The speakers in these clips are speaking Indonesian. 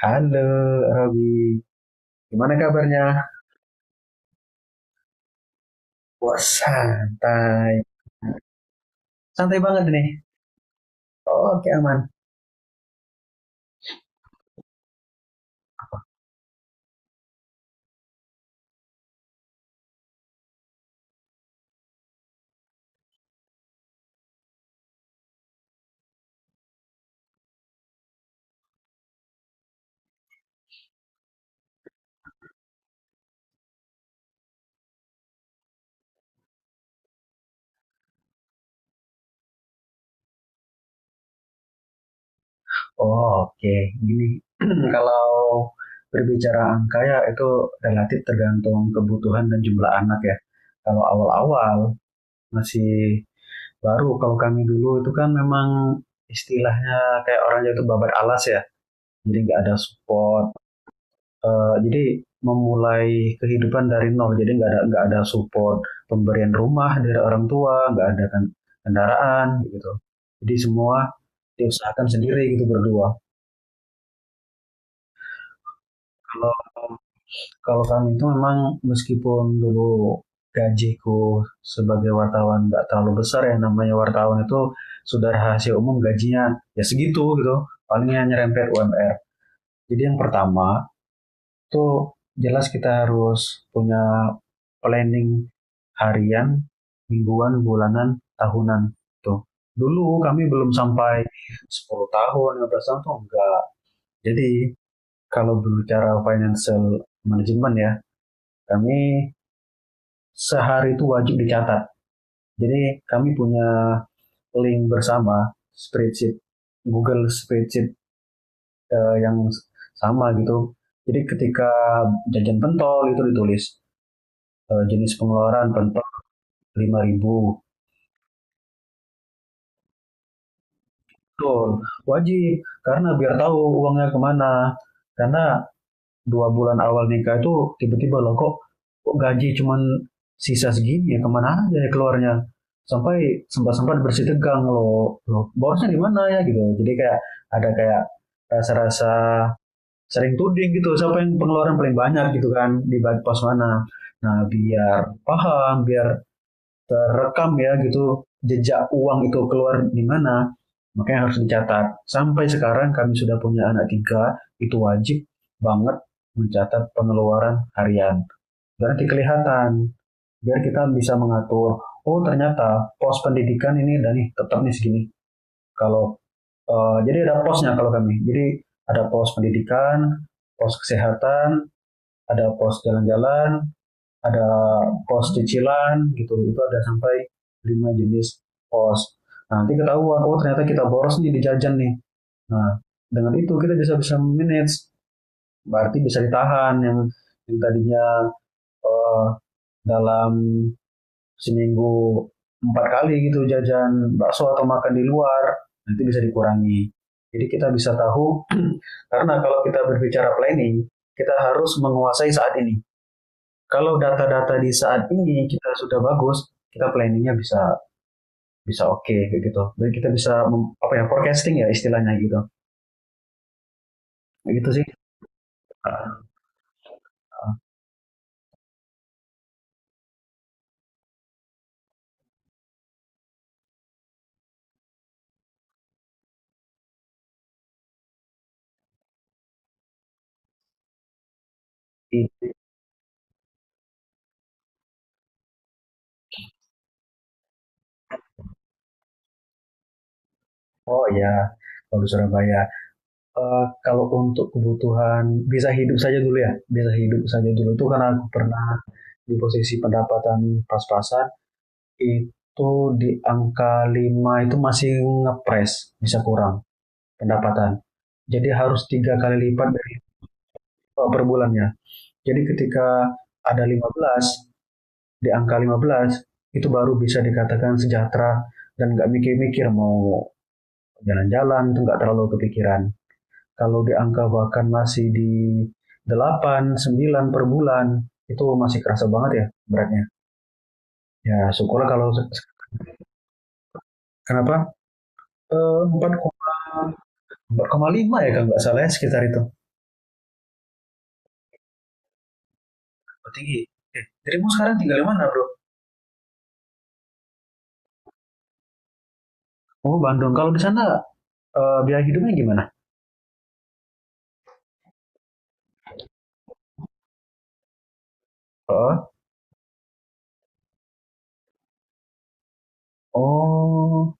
Halo Robi, gimana kabarnya? Wah santai, santai banget nih. Oke aman. Oke, gini. Kalau berbicara angka ya itu relatif tergantung kebutuhan dan jumlah anak ya. Kalau awal-awal masih baru, kalau kami dulu itu kan memang istilahnya kayak orang itu babat alas ya. Jadi nggak ada support, jadi memulai kehidupan dari nol jadi nggak ada support pemberian rumah dari orang tua nggak ada kan kendaraan gitu, jadi semua diusahakan sendiri gitu berdua. Kalau kalau kami itu memang meskipun dulu gajiku sebagai wartawan nggak terlalu besar, yang namanya wartawan itu sudah rahasia umum gajinya ya segitu gitu palingnya nyerempet UMR. Jadi yang pertama itu jelas kita harus punya planning harian, mingguan, bulanan, tahunan. Tuh. Dulu kami belum sampai 10 tahun, 15 tahun tuh enggak. Jadi kalau berbicara financial management ya, kami sehari itu wajib dicatat. Jadi kami punya link bersama spreadsheet, Google spreadsheet yang sama gitu. Jadi ketika jajan pentol itu ditulis, eh, jenis pengeluaran pentok 5 ribu. Betul, wajib. Karena biar tahu uangnya kemana. Karena 2 bulan awal nikah itu tiba-tiba loh kok gaji cuman sisa segini ya kemana aja ya keluarnya. Sampai sempat-sempat bersih tegang loh. Loh, borosnya di mana ya gitu. Jadi kayak ada kayak rasa-rasa sering tuding gitu. Siapa yang pengeluaran paling banyak gitu kan di pos mana. Nah biar paham, biar terekam ya gitu jejak uang itu keluar di mana, makanya harus dicatat. Sampai sekarang kami sudah punya anak tiga, itu wajib banget mencatat pengeluaran harian biar nanti kelihatan, biar kita bisa mengatur. Oh ternyata pos pendidikan ini dan nih tetap nih segini, kalau jadi ada posnya kalau kami, jadi ada pos pendidikan, pos kesehatan, ada pos jalan-jalan, ada pos cicilan gitu, itu ada sampai lima jenis pos. Nah, nanti ketahuan oh ternyata kita boros nih di jajan nih. Nah dengan itu kita bisa bisa manage, berarti bisa ditahan yang tadinya eh, dalam seminggu empat kali gitu jajan bakso atau makan di luar, nanti bisa dikurangi. Jadi kita bisa tahu. Karena kalau kita berbicara planning, kita harus menguasai saat ini. Kalau data-data di saat ini kita sudah bagus, kita planningnya bisa bisa oke okay, kayak gitu. Dan kita bisa apa ya forecasting ya istilahnya gitu. Gitu sih. Ah, ah, ah. Oh ya, kalau di Surabaya. Kalau untuk kebutuhan bisa hidup saja dulu ya, bisa hidup saja dulu itu karena aku pernah di posisi pendapatan pas-pasan, itu di angka 5 itu masih ngepres bisa kurang pendapatan. Jadi harus tiga kali lipat dari per bulannya. Jadi ketika ada 15, di angka 15 itu baru bisa dikatakan sejahtera dan nggak mikir-mikir mau jalan-jalan, itu nggak terlalu kepikiran. Kalau di angka bahkan masih di 8 9 per bulan, itu masih kerasa banget ya beratnya. Ya syukurlah kalau kenapa. 4,5 ya kalau nggak salah, ya sekitar itu. Oh, tinggi. Eh, dirimu sekarang tinggal di mana bro? Oh Bandung. Kalau di sana biaya hidupnya gimana? Oh, oh.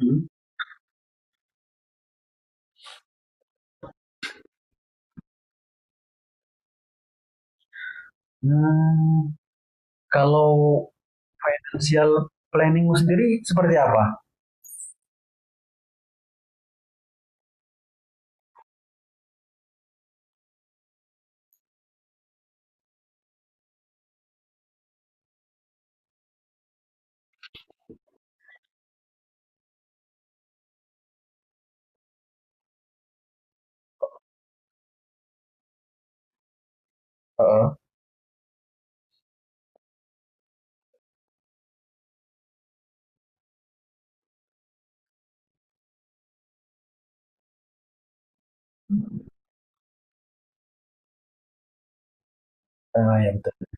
Hmm. Hmm, Kalau financial planningmu sendiri seperti apa? Heeh. Ah, ya betul.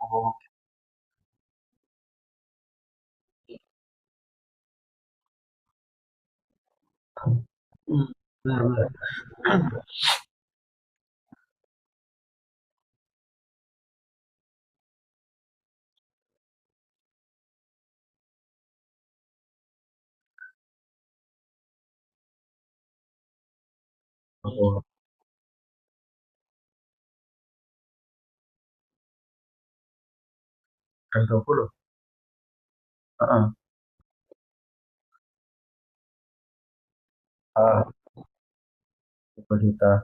Oh, mhm, bener. Heeh, bener. Iya. Betul. Jam. Heeh, heeh, Heeh. Rp20.000.000.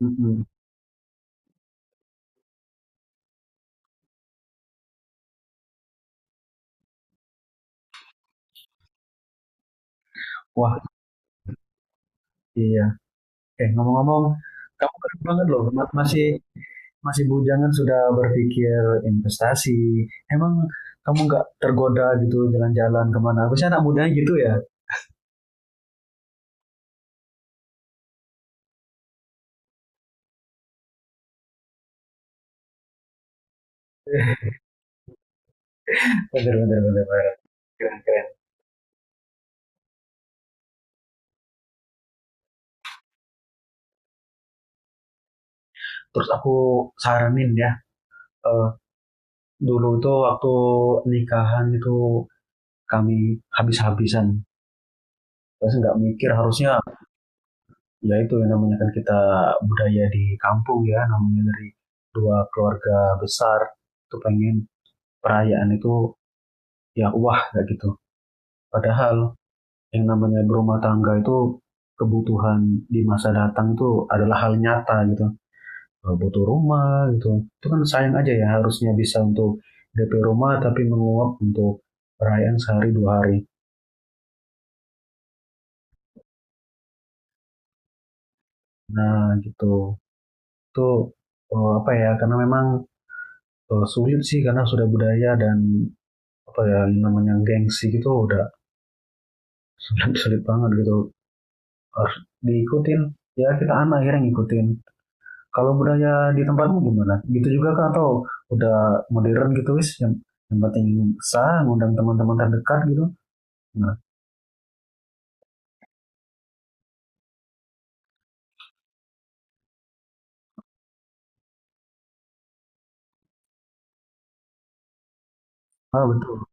Mhm. Wah, iya. Eh, ngomong-ngomong, kamu keren banget loh, ma masih masih bujangan sudah berpikir investasi. Emang kamu nggak tergoda gitu jalan-jalan kemana? Biasanya anak mudanya gitu ya? Bener bener bener banget. Keren keren. Terus aku saranin ya, eee dulu tuh waktu nikahan itu kami habis-habisan, terus nggak mikir harusnya ya itu, yang namanya kan kita budaya di kampung ya, namanya dari dua keluarga besar tuh pengen perayaan itu ya wah kayak gitu. Padahal yang namanya berumah tangga itu kebutuhan di masa datang itu adalah hal nyata gitu, butuh rumah gitu. Itu kan sayang aja ya, harusnya bisa untuk DP rumah tapi menguap untuk perayaan sehari dua hari. Nah, gitu. Itu, apa ya, karena memang, sulit sih karena sudah budaya dan, apa ya, namanya gengsi gitu, udah sulit sulit banget gitu, harus diikutin, ya kita anak akhirnya ngikutin. Kalau budaya di tempatmu gimana? Gitu juga kah atau udah modern gitu, wis yang penting sah, ngundang teman-teman terdekat gitu? Nah. Oh betul,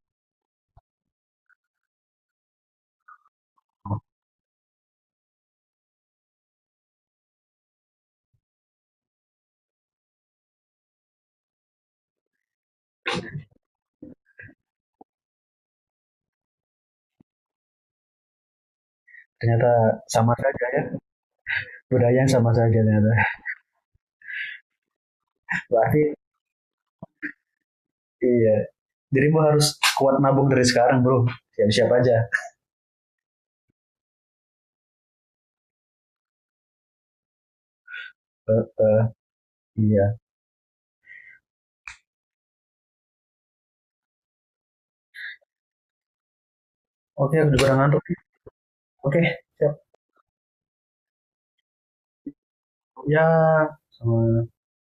ternyata sama saja ya, budaya yang sama saja ternyata. Berarti iya, dirimu harus kuat nabung dari sekarang Bro, siap-siap aja. Iya. Oke, aku juga udah ngantuk. Oke, siap. Ya, sama